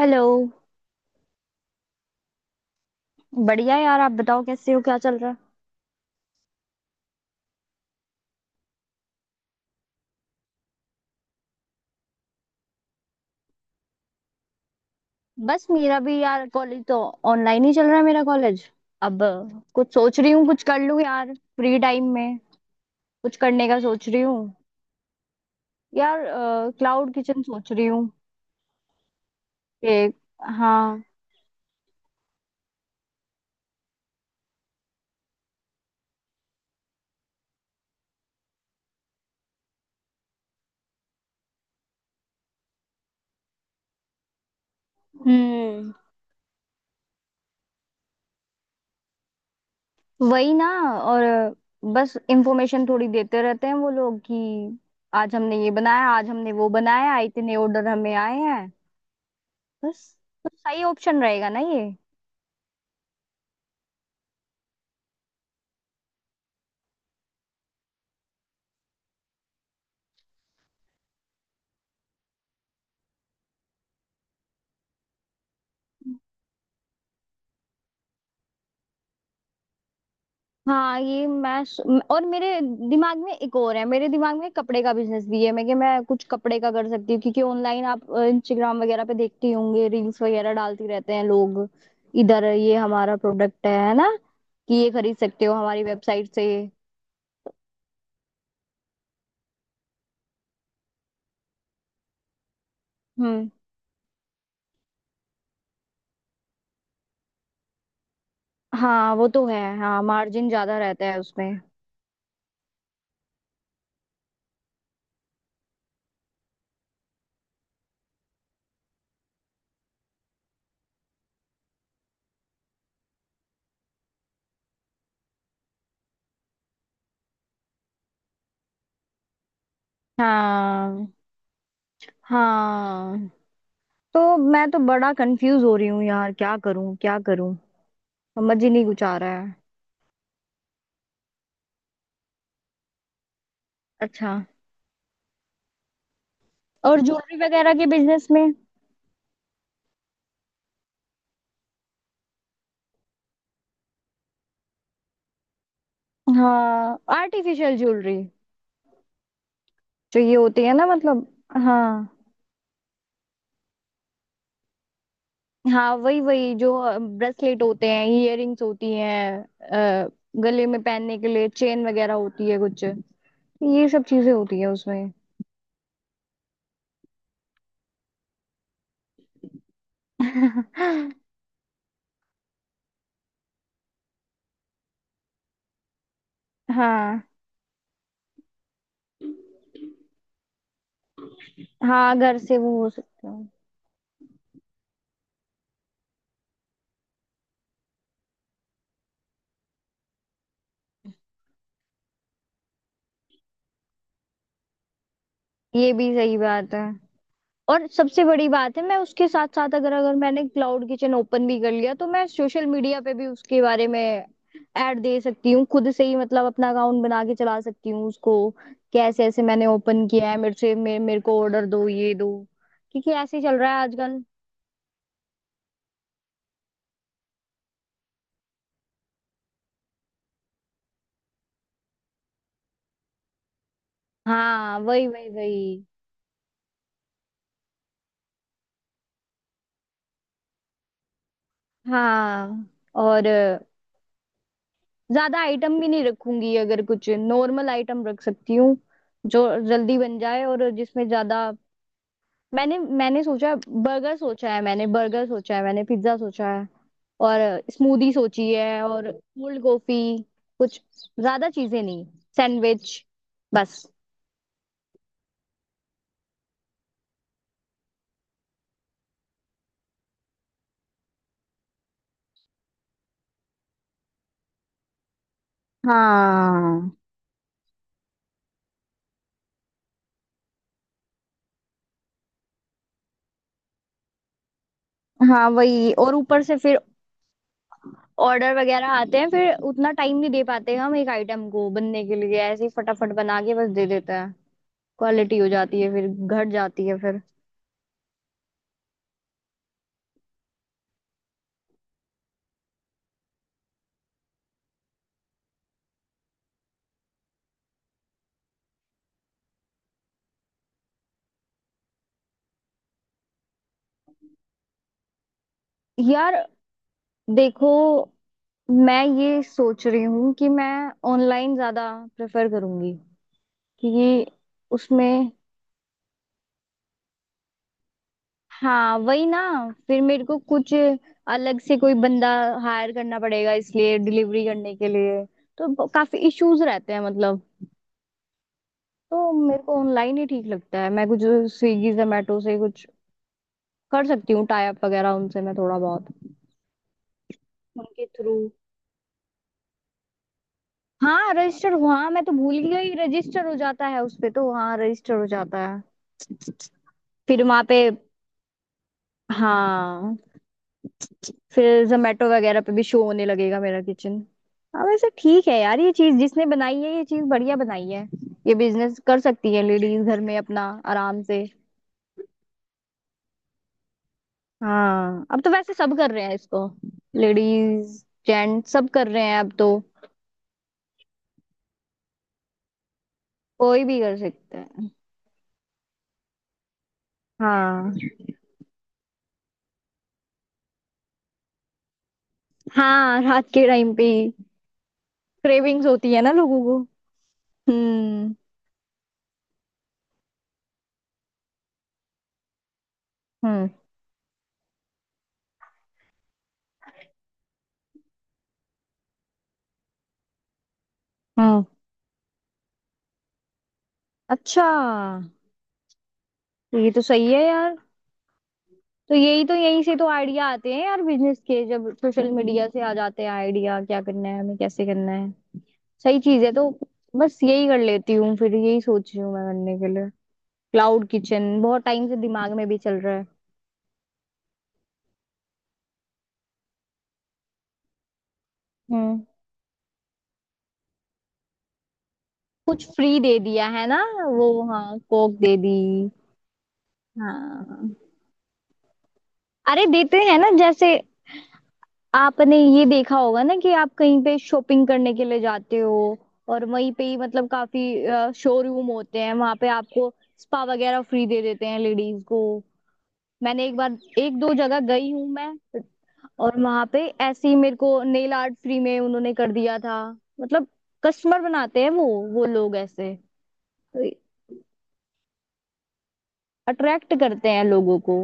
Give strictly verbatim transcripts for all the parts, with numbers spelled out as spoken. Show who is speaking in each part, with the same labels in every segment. Speaker 1: Hello. बढ़िया यार, आप बताओ कैसे हो, क्या चल रहा है? बस मेरा भी यार कॉलेज तो ऑनलाइन ही चल रहा है, मेरा कॉलेज। अब अ, कुछ सोच रही हूँ कुछ कर लूँ यार फ्री टाइम में। कुछ करने का सोच रही हूँ यार। क्लाउड किचन सोच रही हूँ कि हाँ। हम्म। वही ना। और अ, बस इंफॉर्मेशन थोड़ी देते रहते हैं वो लोग कि आज हमने ये बनाया, आज हमने वो बनाया, इतने ऑर्डर हमें आए हैं। बस। तो सही ऑप्शन रहेगा ना ये? हाँ, ये मैं स... और मेरे दिमाग में एक और है। मेरे दिमाग में कपड़े का बिजनेस भी है, मैं कि मैं कुछ कपड़े का कर सकती हूँ, क्योंकि ऑनलाइन आप इंस्टाग्राम वगैरह पे देखती होंगे, रील्स वगैरह डालती रहते हैं लोग। इधर ये हमारा प्रोडक्ट है है ना कि ये खरीद सकते हो हमारी वेबसाइट से। हम्म। हाँ वो तो है। हाँ, मार्जिन ज्यादा रहता है उसमें। हाँ। हाँ। तो मैं तो बड़ा कंफ्यूज हो रही हूँ यार, क्या करूँ क्या करूँ। समझ ही नहीं कुछ आ रहा है। अच्छा। और ज्वेलरी वगैरह के बिजनेस में? हाँ, आर्टिफिशियल ज्वेलरी। जो ये होती है ना, मतलब। हाँ। हाँ, वही वही। जो ब्रेसलेट होते हैं, इयररिंग्स होती हैं, अ, गले में पहनने के लिए चेन वगैरह होती है कुछ। ये सब चीजें होती है उसमें। हाँ। हाँ, घर से वो हो सकता है। ये भी सही बात है। और सबसे बड़ी बात है, मैं उसके साथ साथ अगर अगर मैंने क्लाउड किचन ओपन भी कर लिया तो मैं सोशल मीडिया पे भी उसके बारे में ऐड दे सकती हूँ, खुद से ही, मतलब अपना अकाउंट बना के चला सकती हूँ उसको। कि ऐसे ऐसे मैंने ओपन किया है, मेरे से मे, मेरे को ऑर्डर दो, ये दो। क्योंकि ऐसे ही चल रहा है आजकल। हाँ वही वही वही। हाँ और अ, ज्यादा आइटम भी नहीं रखूंगी, अगर कुछ नॉर्मल आइटम रख सकती हूँ जो जल्दी बन जाए और जिसमें ज्यादा। मैंने मैंने सोचा बर्गर सोचा है, मैंने बर्गर सोचा है, मैंने पिज्जा सोचा है और स्मूदी सोची है और कोल्ड कॉफी। कुछ ज्यादा चीजें नहीं, सैंडविच। बस। हाँ। हाँ वही, और ऊपर से फिर ऑर्डर वगैरह आते हैं फिर उतना टाइम नहीं दे पाते हम एक आइटम को बनने के लिए, ऐसे ही फटाफट बना के बस दे देता है। क्वालिटी हो जाती है फिर घट जाती है फिर। यार देखो, मैं ये सोच रही हूँ कि मैं ऑनलाइन ज्यादा प्रेफर करूंगी, क्योंकि उसमें। हाँ वही ना। फिर मेरे को कुछ अलग से कोई बंदा हायर करना पड़ेगा इसलिए डिलीवरी करने के लिए, तो ब- काफी इश्यूज रहते हैं, मतलब। तो मेरे को ऑनलाइन ही ठीक लगता है। मैं कुछ स्विगी जोमेटो से कुछ कर सकती हूँ, टाई अप वगैरह उनसे मैं थोड़ा बहुत, उनके थ्रू। हाँ रजिस्टर, हाँ मैं तो भूल ही गई, रजिस्टर हो जाता है उस पे, तो हाँ रजिस्टर हो जाता है। फिर वहां पे। हाँ। फिर जोमेटो वगैरह पे भी शो होने लगेगा मेरा किचन। हाँ वैसे ठीक है यार, ये चीज जिसने बनाई है ये चीज बढ़िया बनाई है। ये बिजनेस कर सकती है लेडीज घर में अपना, आराम से। हाँ, अब तो वैसे सब कर रहे हैं इसको, लेडीज जेंट सब कर रहे हैं अब तो। कोई भी कर सकता है। हाँ। हाँ रात के टाइम पे क्रेविंग्स होती है ना लोगों को। हम्म। हम्म। हम्म। अच्छा, ये तो सही है यार। तो यही तो, यहीं से तो आइडिया आते हैं यार बिजनेस के, जब सोशल मीडिया से आ जाते हैं आइडिया क्या करना है हमें, कैसे करना है। सही चीज है तो। बस यही कर लेती हूँ फिर, यही सोच रही हूँ मैं करने के लिए। क्लाउड किचन बहुत टाइम से दिमाग में भी चल रहा है। हम्म। कुछ फ्री दे दिया है ना, वो, हाँ, कोक दे दी। हाँ। अरे देते हैं ना, जैसे आपने ये देखा होगा ना कि आप कहीं पे शॉपिंग करने के लिए जाते हो और वहीं पे ही, मतलब काफी शोरूम होते हैं वहां पे, आपको स्पा वगैरह फ्री दे देते हैं लेडीज को। मैंने एक बार, एक दो जगह गई हूँ मैं, और वहां पे ऐसे ही मेरे को नेल आर्ट फ्री में उन्होंने कर दिया था, मतलब। कस्टमर बनाते हैं वो वो लोग ऐसे। तो अट्रैक्ट करते हैं लोगों को।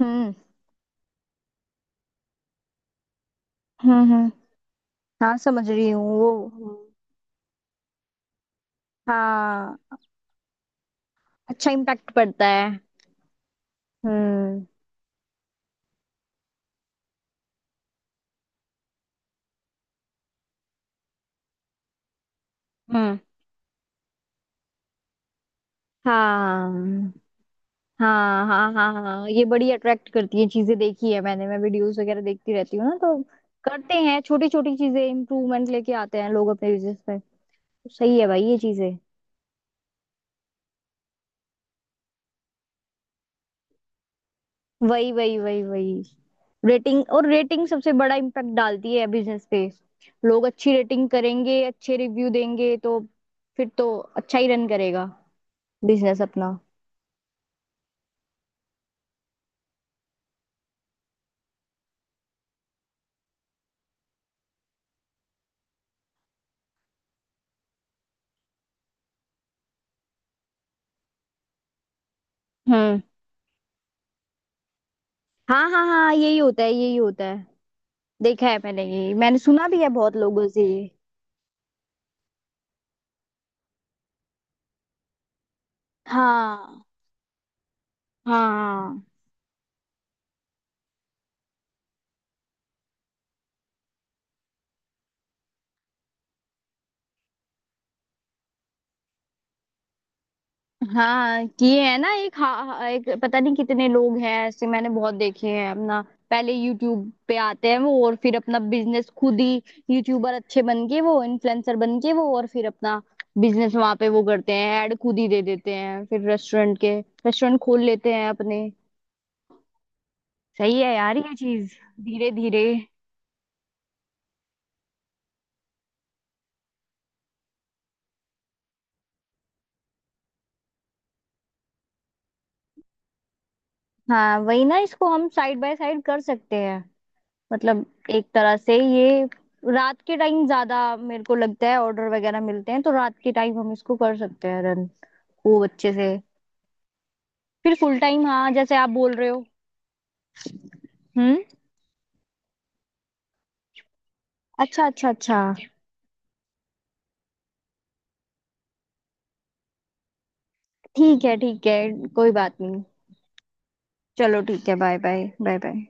Speaker 1: हम्म। हम्म। हम्म। हाँ समझ रही हूँ वो। हाँ, अच्छा इम्पैक्ट पड़ता है। हम्म। हम्म। हाँ हाँ हाँ हाँ हाँ, ये बड़ी अट्रैक्ट करती है चीजें, देखी है मैंने, मैं वीडियोस वगैरह देखती रहती हूँ ना तो। करते हैं छोटी छोटी चीजें, इम्प्रूवमेंट लेके आते हैं लोग अपने बिजनेस में। तो सही है भाई ये चीजें। वही वही वही वही। रेटिंग, और रेटिंग सबसे बड़ा इम्पैक्ट डालती है बिजनेस पे। लोग अच्छी रेटिंग करेंगे, अच्छे रिव्यू देंगे, तो फिर तो अच्छा ही रन करेगा बिजनेस अपना। हम्म। हाँ हाँ हाँ, यही होता है, यही होता है। देखा है मैंने ये, मैंने सुना भी है बहुत लोगों से ये। हाँ हाँ हाँ। किए है ना एक हा, एक पता नहीं कितने लोग हैं ऐसे, मैंने बहुत देखे हैं अपना। पहले यूट्यूब पे आते हैं वो और फिर अपना बिजनेस खुद ही, यूट्यूबर अच्छे बन के वो, इन्फ्लुएंसर बन के वो, और फिर अपना बिजनेस वहां पे वो करते हैं, ऐड खुद ही दे देते हैं फिर, रेस्टोरेंट के रेस्टोरेंट खोल लेते हैं अपने। सही है यार ये चीज, धीरे धीरे। हाँ वही ना, इसको हम साइड बाय साइड कर सकते हैं, मतलब एक तरह से ये। रात के टाइम ज्यादा मेरे को लगता है ऑर्डर वगैरह मिलते हैं, तो रात के टाइम हम इसको कर सकते हैं रन, वो अच्छे से। फिर फुल टाइम, हाँ जैसे आप बोल रहे हो। हम्म। अच्छा अच्छा अच्छा। ठीक है ठीक है, कोई बात नहीं। चलो ठीक है, बाय बाय बाय बाय।